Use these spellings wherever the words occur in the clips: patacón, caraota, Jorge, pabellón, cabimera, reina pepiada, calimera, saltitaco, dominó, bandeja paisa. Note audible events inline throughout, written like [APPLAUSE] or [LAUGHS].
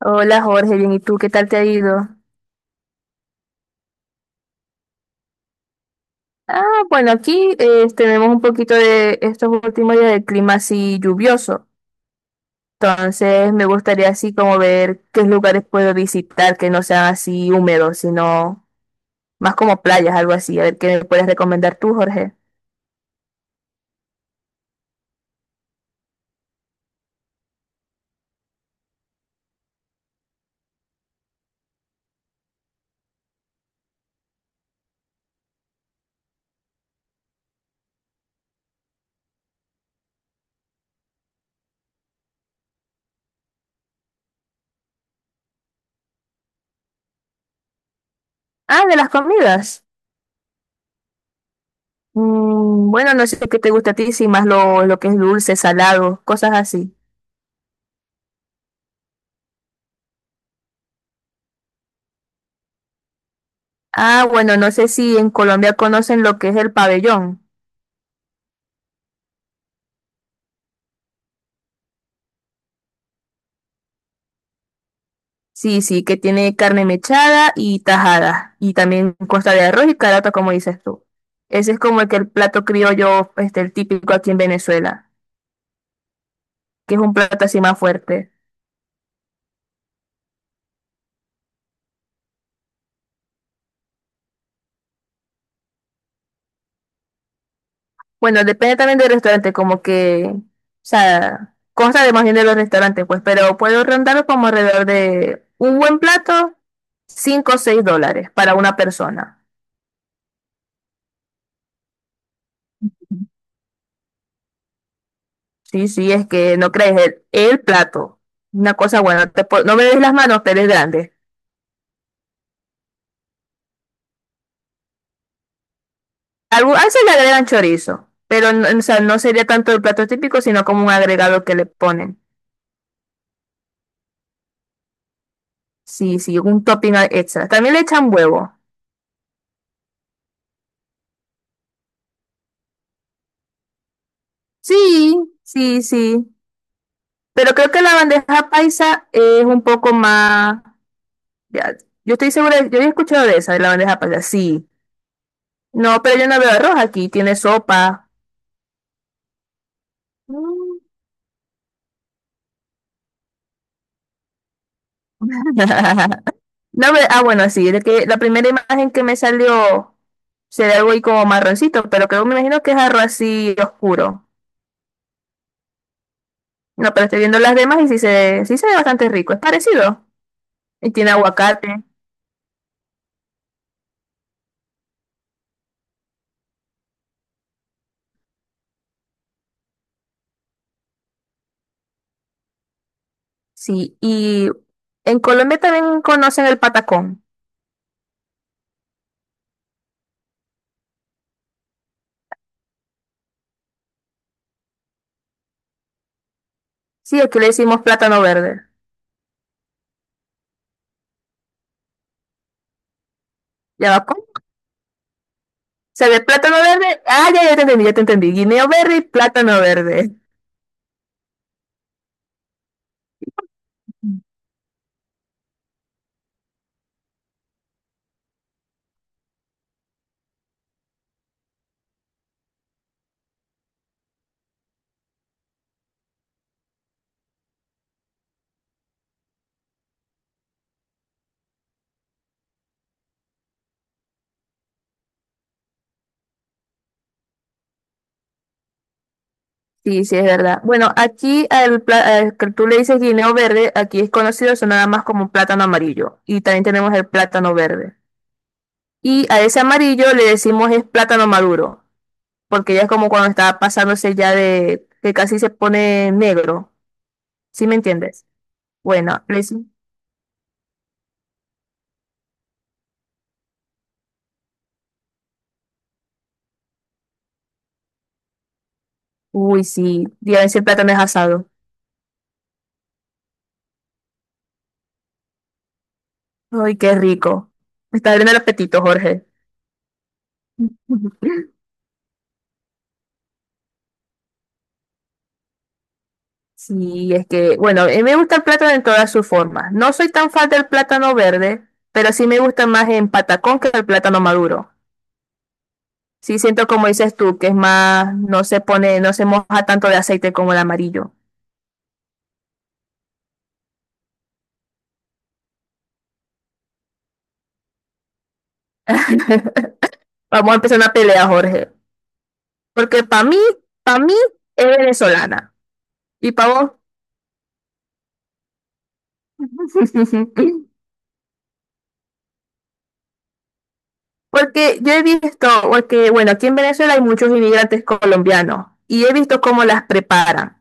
Hola Jorge, bien, ¿y tú qué tal te ha ido? Ah, bueno, aquí tenemos un poquito de estos últimos días de clima así lluvioso. Entonces me gustaría así como ver qué lugares puedo visitar que no sean así húmedos, sino más como playas, algo así. A ver qué me puedes recomendar tú, Jorge. Ah, de las comidas. Bueno, no sé qué te gusta a ti, si más lo que es dulce, salado, cosas así. Ah, bueno, no sé si en Colombia conocen lo que es el pabellón. Sí, sí, que tiene carne mechada y tajada. Y también consta de arroz y caraota, como dices tú. Ese es como el plato criollo, este, el típico aquí en Venezuela, que es un plato así más fuerte. Bueno, depende también del restaurante, como que, o sea, consta de más bien de los restaurantes, pues, pero puedo rondar como alrededor de un buen plato, 5, o $6 para una persona. Sí, sí, es que no crees, el plato, una cosa buena, no me des las manos, pero es grande. Algo, a veces le agregan chorizo, pero no, o sea, no sería tanto el plato típico, sino como un agregado que le ponen. Sí, sí, un topping extra. También le echan huevo. Sí, sí, sí. Pero creo que la bandeja paisa es un poco más... ya, yo estoy segura, yo había escuchado de esa, de la bandeja paisa. Sí. No, pero yo no veo arroz aquí, tiene sopa. Mm. [LAUGHS] No, ah, bueno, sí, es que la primera imagen que me salió sería algo ahí como marroncito, pero creo, me imagino que es arroz así oscuro. No, pero estoy viendo las demás y sí se, sí se ve bastante rico. Es parecido. Y tiene aguacate. Sí. Y en Colombia también conocen el patacón. Sí, aquí le decimos plátano verde. ¿Ya va? ¿Cómo? ¿Se ve plátano verde? Ah, ya, ya te entendí, ya te entendí. Guineo verde y plátano verde. [LAUGHS] Sí, sí, es verdad. Bueno, aquí al al que tú le dices guineo verde, aquí es conocido eso nada más como plátano amarillo. Y también tenemos el plátano verde. Y a ese amarillo le decimos es plátano maduro. Porque ya es como cuando está pasándose ya de que casi se pone negro, ¿sí me entiendes? Bueno, le uy, sí, día ese plátano es asado. Ay, qué rico. Me está abriendo el apetito, Jorge. [LAUGHS] Sí, es que, bueno, a mí me gusta el plátano en todas sus formas. No soy tan fan del plátano verde, pero sí me gusta más en patacón que el plátano maduro. Sí siento como dices tú, que es más, no se pone, no se moja tanto de aceite como el amarillo. [LAUGHS] Vamos a empezar una pelea, Jorge. Porque para mí es venezolana. Y para vos. [LAUGHS] Porque yo he visto, porque bueno, aquí en Venezuela hay muchos inmigrantes colombianos y he visto cómo las preparan.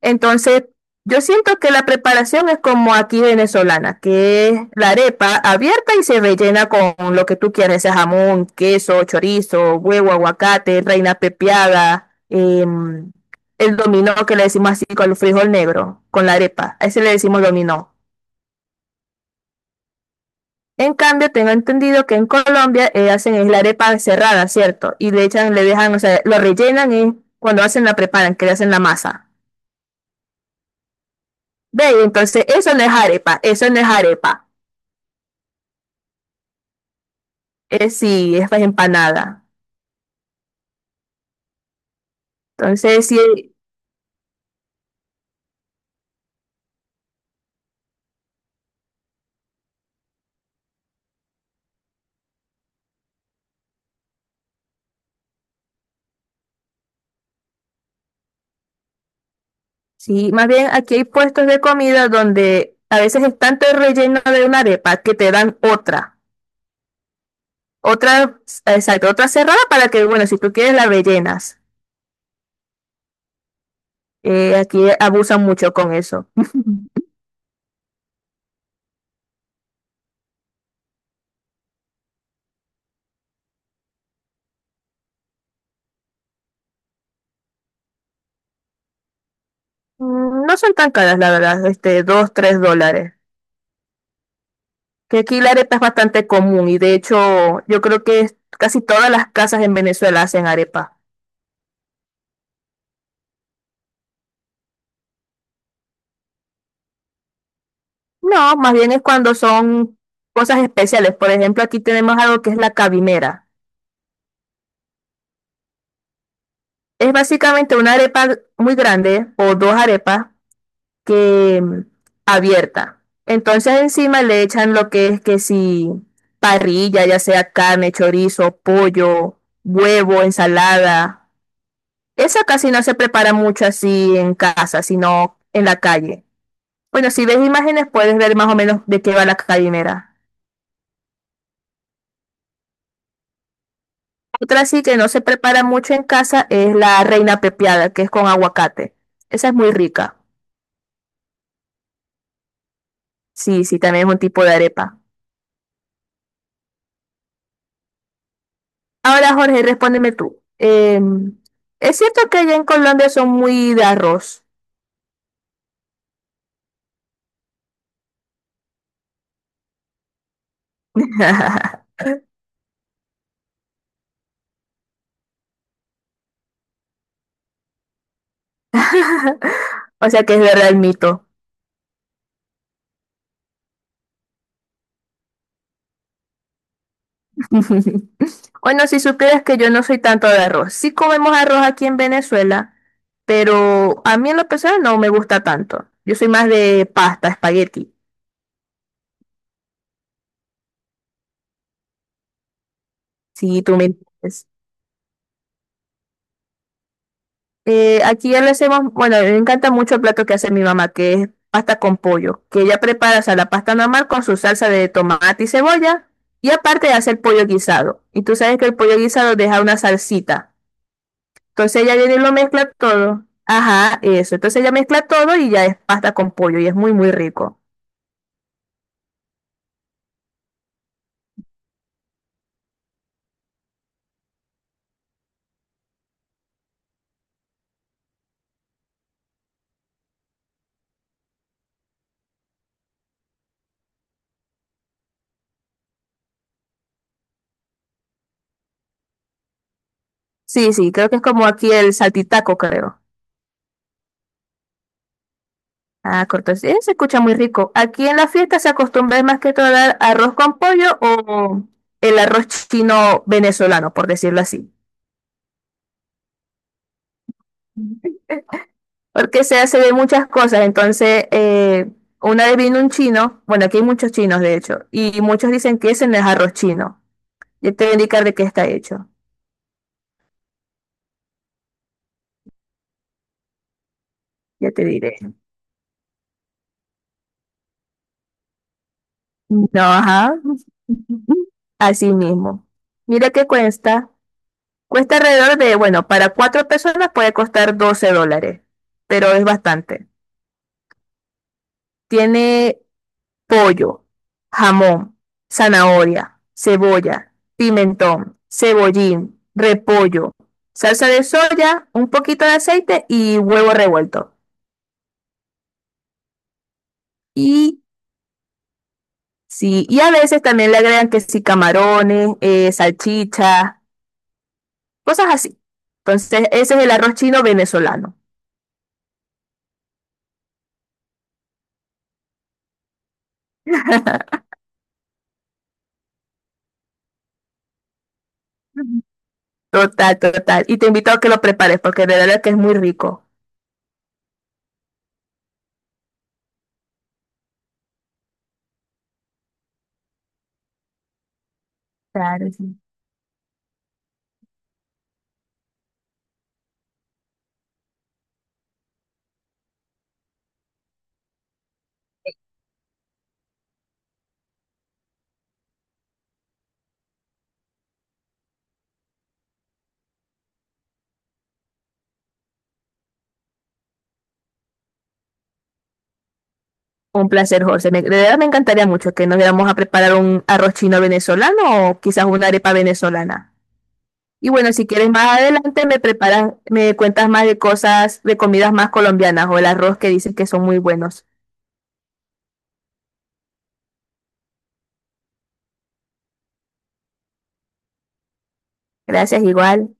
Entonces, yo siento que la preparación es como aquí venezolana, que es la arepa abierta y se rellena con lo que tú quieras, sea jamón, queso, chorizo, huevo, aguacate, reina pepiada, el dominó que le decimos así con el frijol negro, con la arepa. A ese le decimos dominó. En cambio, tengo entendido que en Colombia hacen es la arepa cerrada, ¿cierto? Y le echan, le dejan, o sea, lo rellenan y cuando hacen la preparan, que le hacen la masa. Ve, entonces eso no es arepa, eso no es arepa. Es sí, es pues, empanada. Entonces, sí, sí, más bien aquí hay puestos de comida donde a veces es tanto el relleno de una arepa que te dan otra. Otra, exacto, otra cerrada para que, bueno, si tú quieres la rellenas. Aquí abusan mucho con eso. [LAUGHS] Mm, no son tan caras, la verdad, este, dos, tres dólares. Que aquí la arepa es bastante común y de hecho yo creo que casi todas las casas en Venezuela hacen arepa. No, más bien es cuando son cosas especiales. Por ejemplo, aquí tenemos algo que es la cabimera. Es básicamente una arepa muy grande o dos arepas que abierta. Entonces encima le echan lo que es que si parrilla, ya sea carne, chorizo, pollo, huevo, ensalada. Esa casi no se prepara mucho así en casa, sino en la calle. Bueno, si ves imágenes puedes ver más o menos de qué va la calimera. Otra sí que no se prepara mucho en casa es la reina pepiada, que es con aguacate. Esa es muy rica. Sí, sí, también es un tipo de arepa. Ahora, Jorge, respóndeme tú. ¿Es cierto que allá en Colombia son muy de arroz? [LAUGHS] O sea que es verdad el mito. [LAUGHS] Bueno, si supieras que yo no soy tanto de arroz. Sí comemos arroz aquí en Venezuela, pero a mí en lo personal no me gusta tanto. Yo soy más de pasta, espagueti, si tú me entiendes. Aquí ya lo hacemos, bueno, me encanta mucho el plato que hace mi mamá, que es pasta con pollo, que ella prepara, o sea, la pasta normal con su salsa de tomate y cebolla, y aparte hace el pollo guisado. Y tú sabes que el pollo guisado deja una salsita. Entonces ella viene y lo mezcla todo. Ajá, eso. Entonces ella mezcla todo y ya es pasta con pollo y es muy, muy rico. Sí, sí, creo que es como aquí el saltitaco, creo. Ah, corto. Sí, se escucha muy rico. Aquí en la fiesta se acostumbra más que todo a dar arroz con pollo o el arroz chino venezolano, por decirlo así. Porque se hace de muchas cosas. Entonces, una vez vino un chino, bueno, aquí hay muchos chinos de hecho, y muchos dicen que ese no es arroz chino. Yo te voy a indicar de qué está hecho. Ya te diré. No, ajá. Así mismo. Mira qué cuesta. Cuesta alrededor de, bueno, para 4 personas puede costar $12, pero es bastante. Tiene pollo, jamón, zanahoria, cebolla, pimentón, cebollín, repollo, salsa de soya, un poquito de aceite y huevo revuelto. Y sí, y a veces también le agregan que sí, camarones, salchichas, cosas así. Entonces, ese es el arroz chino venezolano. [LAUGHS] Total, total. Y te invito a que lo prepares porque de verdad que es muy rico. Claro, sí. Un placer, Jorge. De verdad me encantaría mucho que nos viéramos a preparar un arroz chino venezolano o quizás una arepa venezolana. Y bueno, si quieres más adelante me preparas, me cuentas más de cosas, de comidas más colombianas o el arroz que dices que son muy buenos. Gracias, igual.